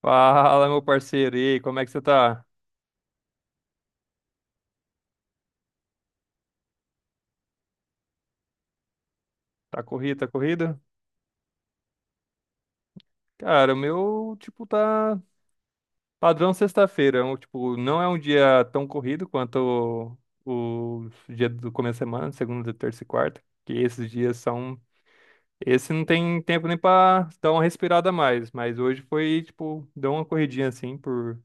Fala, meu parceiro. E aí, como é que você tá? Tá corrido, tá corrido? Cara, o meu, tipo, tá padrão sexta-feira. É um, tipo, não é um dia tão corrido quanto o dia do começo da semana, segunda, terça e quarta. Que esses dias são. Esse não tem tempo nem pra dar uma respirada a mais. Mas hoje foi, tipo, deu uma corridinha assim, por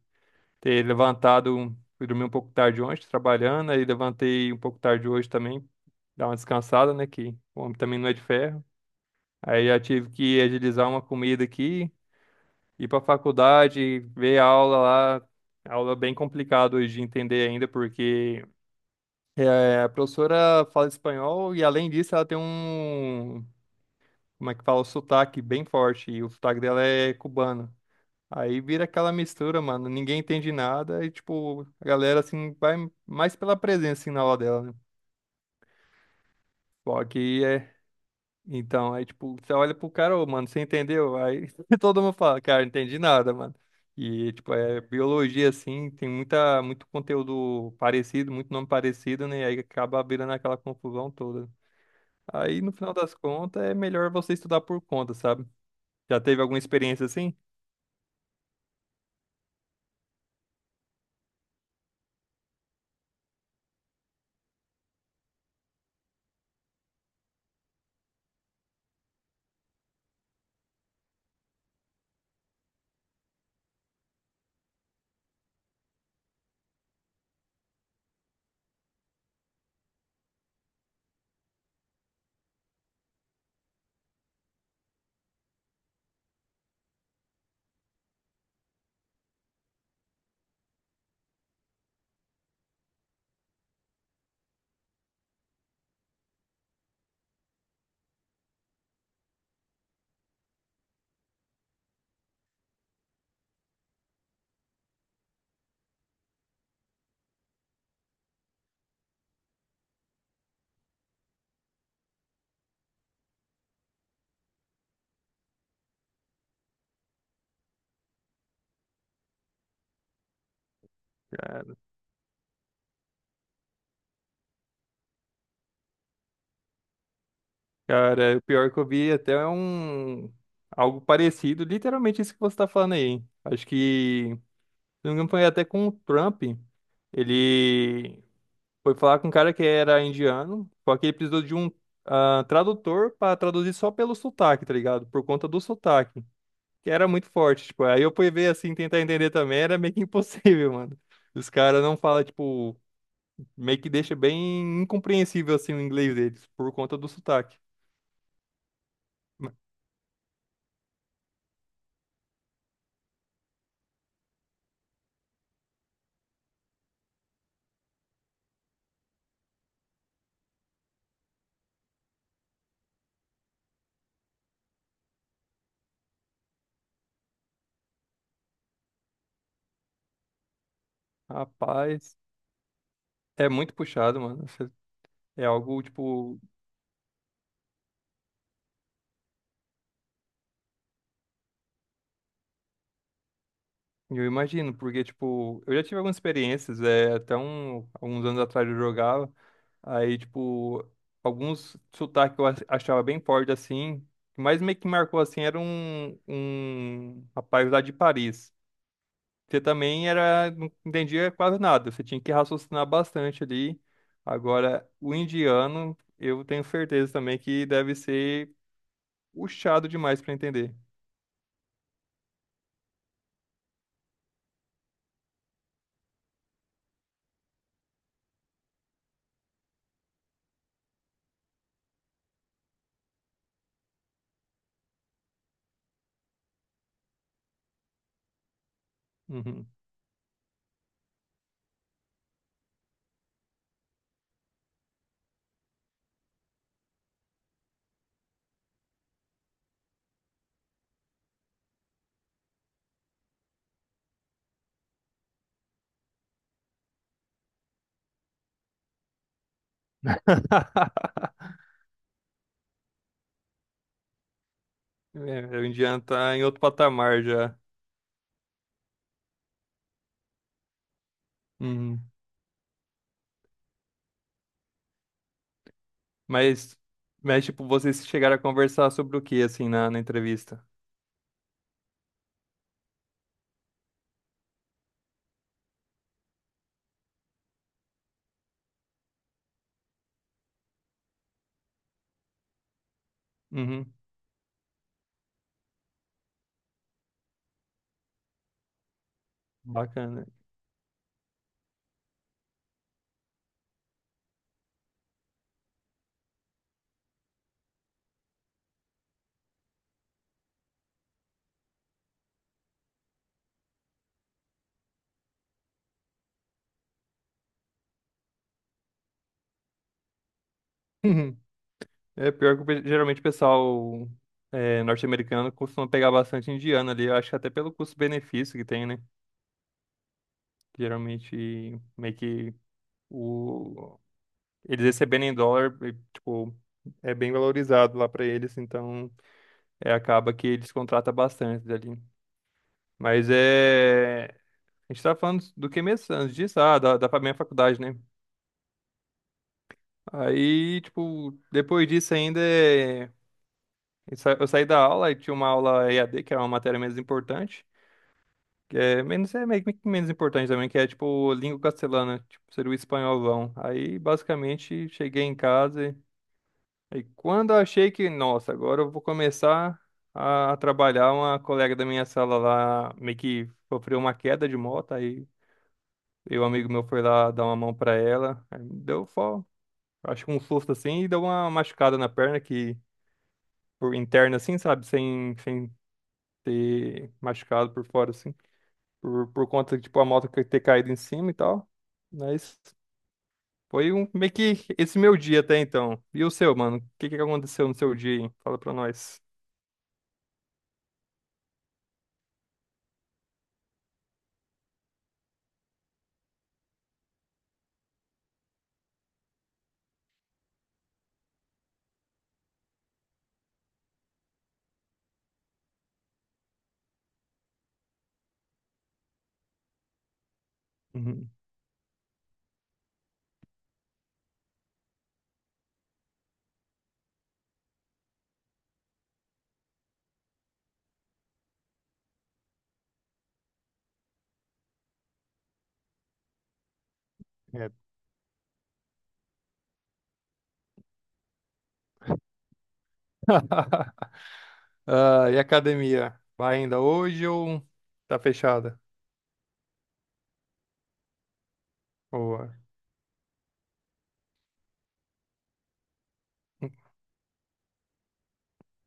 ter levantado. Fui dormir um pouco tarde ontem, trabalhando. Aí levantei um pouco tarde hoje também. Dar uma descansada, né? Que o homem também não é de ferro. Aí já tive que agilizar uma comida aqui, ir pra faculdade, ver a aula lá. Aula bem complicada hoje de entender ainda, porque a professora fala espanhol e, além disso, ela tem um, como é que fala, um sotaque bem forte. E o sotaque dela é cubano. Aí vira aquela mistura, mano. Ninguém entende nada e, tipo, a galera, assim, vai mais pela presença, assim, na aula dela, né? Só que é. Então, aí, tipo, você olha pro cara, ô, mano, você entendeu? Aí todo mundo fala, cara, não entendi nada, mano. E, tipo, é biologia, assim, tem muita, muito conteúdo parecido, muito nome parecido, né? E aí acaba virando aquela confusão toda. Aí, no final das contas, é melhor você estudar por conta, sabe? Já teve alguma experiência assim? Cara, cara, o pior que eu vi até é um... algo parecido, literalmente isso que você tá falando aí. Acho que, se não me engano, foi até com o Trump. Ele foi falar com um cara que era indiano, só que ele precisou de um tradutor pra traduzir só pelo sotaque, tá ligado? Por conta do sotaque, que era muito forte, tipo, aí eu fui ver assim, tentar entender também, era meio que impossível, mano. Os caras não falam, tipo, meio que deixa bem incompreensível assim o inglês deles, por conta do sotaque. Ma- Rapaz, é muito puxado, mano. É algo, tipo, eu imagino, porque, tipo, eu já tive algumas experiências, até um, alguns anos atrás eu jogava. Aí, tipo, alguns sotaques que eu achava bem forte assim. O que mais meio que marcou assim era um, um rapaz lá de Paris. Você também era, não entendia quase nada. Você tinha que raciocinar bastante ali. Agora, o indiano, eu tenho certeza também que deve ser puxado demais para entender. Uhum. É, o indiano tá em outro patamar já. Uhum. Mas, mas, tipo, vocês chegaram a conversar sobre o que assim na, na entrevista? Uhum, bacana. Uhum. É pior que o geralmente o pessoal norte-americano costuma pegar bastante indiano ali. Eu acho que até pelo custo-benefício que tem, né? Geralmente meio que o... eles recebendo em dólar, e, tipo, é bem valorizado lá pra eles, então acaba que eles contratam bastante ali. Mas é. A gente tá falando do que mesmo antes disso? Ah, da, da minha faculdade, né? Aí, tipo, depois disso ainda é. Eu saí da aula e tinha uma aula EAD, que era uma matéria menos importante, que é menos, é meio que menos importante também, que é tipo língua castelhana, tipo, seria o espanholão. Aí, basicamente, cheguei em casa e aí quando eu achei que, nossa, agora eu vou começar a trabalhar, uma colega da minha sala lá meio que sofreu uma queda de moto, aí eu, um amigo meu foi lá dar uma mão pra ela, aí me deu só, acho que um susto assim, e deu uma machucada na perna que por interna assim, sabe, sem, sem ter machucado por fora, assim, por conta, tipo, a moto ter caído em cima e tal. Mas foi um, meio que esse meu dia até então. E o seu, mano? O que que aconteceu no seu dia, hein? Fala pra nós. Uhum. É. Ah, e a academia? Vai ainda hoje ou tá fechada? Boa.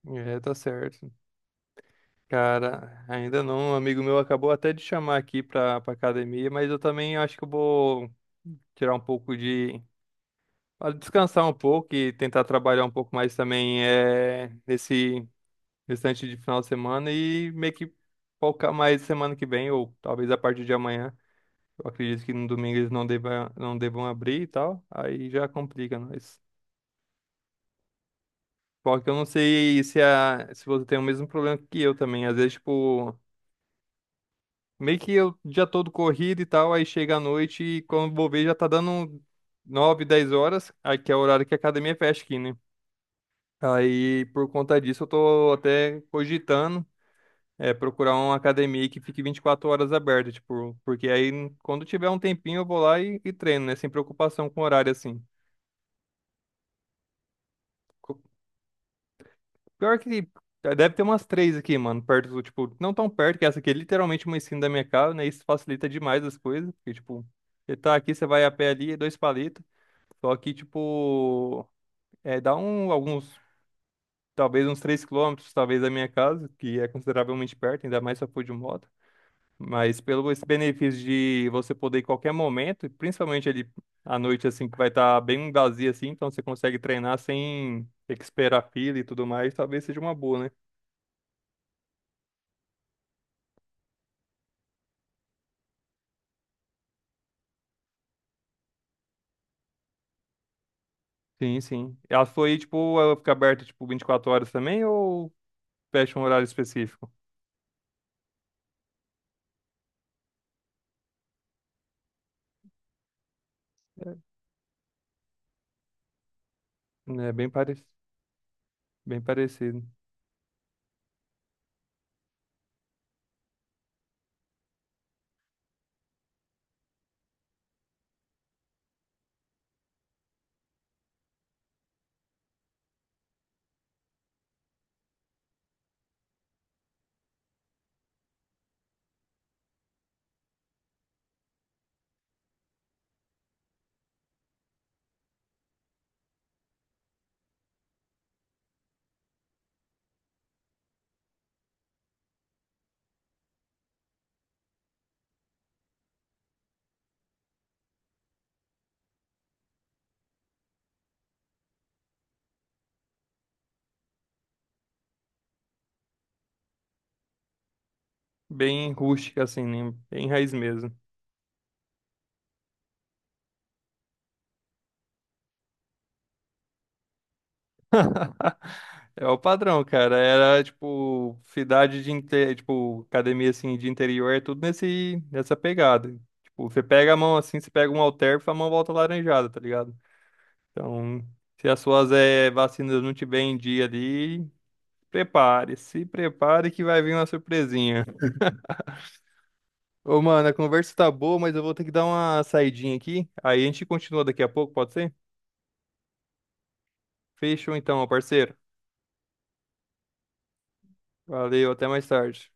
É, tá certo. Cara, ainda não. Um amigo meu acabou até de chamar aqui pra, pra academia, mas eu também acho que eu vou tirar um pouco de para descansar um pouco e tentar trabalhar um pouco mais também nesse restante de final de semana e meio que focar mais semana que vem, ou talvez a partir de amanhã. Eu acredito que no domingo eles não devam, não devam abrir e tal, aí já complica, mas. Só que eu não sei se você tem o mesmo problema que eu também. Às vezes, tipo, meio que eu já todo corrido e tal, aí chega à noite e quando vou ver já tá dando 9 10 horas, aí que é o horário que a academia fecha aqui, né? Aí, por conta disso, eu tô até cogitando procurar uma academia que fique 24 horas aberta, tipo, porque aí quando tiver um tempinho eu vou lá e treino, né? Sem preocupação com horário, assim. Co- Pior que deve ter umas três aqui, mano, perto do, tipo, não tão perto, que essa aqui é literalmente uma esquina da minha casa, né? Isso facilita demais as coisas, porque, tipo, você tá aqui, você vai a pé ali, é dois palitos. Só que, tipo, dá um, alguns, talvez uns 3 quilômetros, talvez, da minha casa, que é consideravelmente perto, ainda mais se eu for de moto. Mas pelo esse benefício de você poder ir em qualquer momento, e principalmente ali à noite, assim, que vai estar bem vazio, assim, então você consegue treinar sem ter que esperar fila e tudo mais, talvez seja uma boa, né? Sim, sim. Ela foi, tipo, ela fica aberta, tipo, 24 horas também ou fecha um horário específico? É bem parecido, bem parecido. Bem rústica, assim, né? Bem raiz mesmo. É o padrão, cara. Era tipo cidade de tipo academia assim de interior, é tudo nesse nessa pegada. Tipo, você pega a mão assim, você pega um halter, a mão volta laranjada, tá ligado? Então, se as suas vacinas não tiver em dia ali, se prepare que vai vir uma surpresinha. Ô, mano, a conversa tá boa, mas eu vou ter que dar uma saidinha aqui. Aí a gente continua daqui a pouco, pode ser? Fechou então, meu parceiro. Valeu, até mais tarde.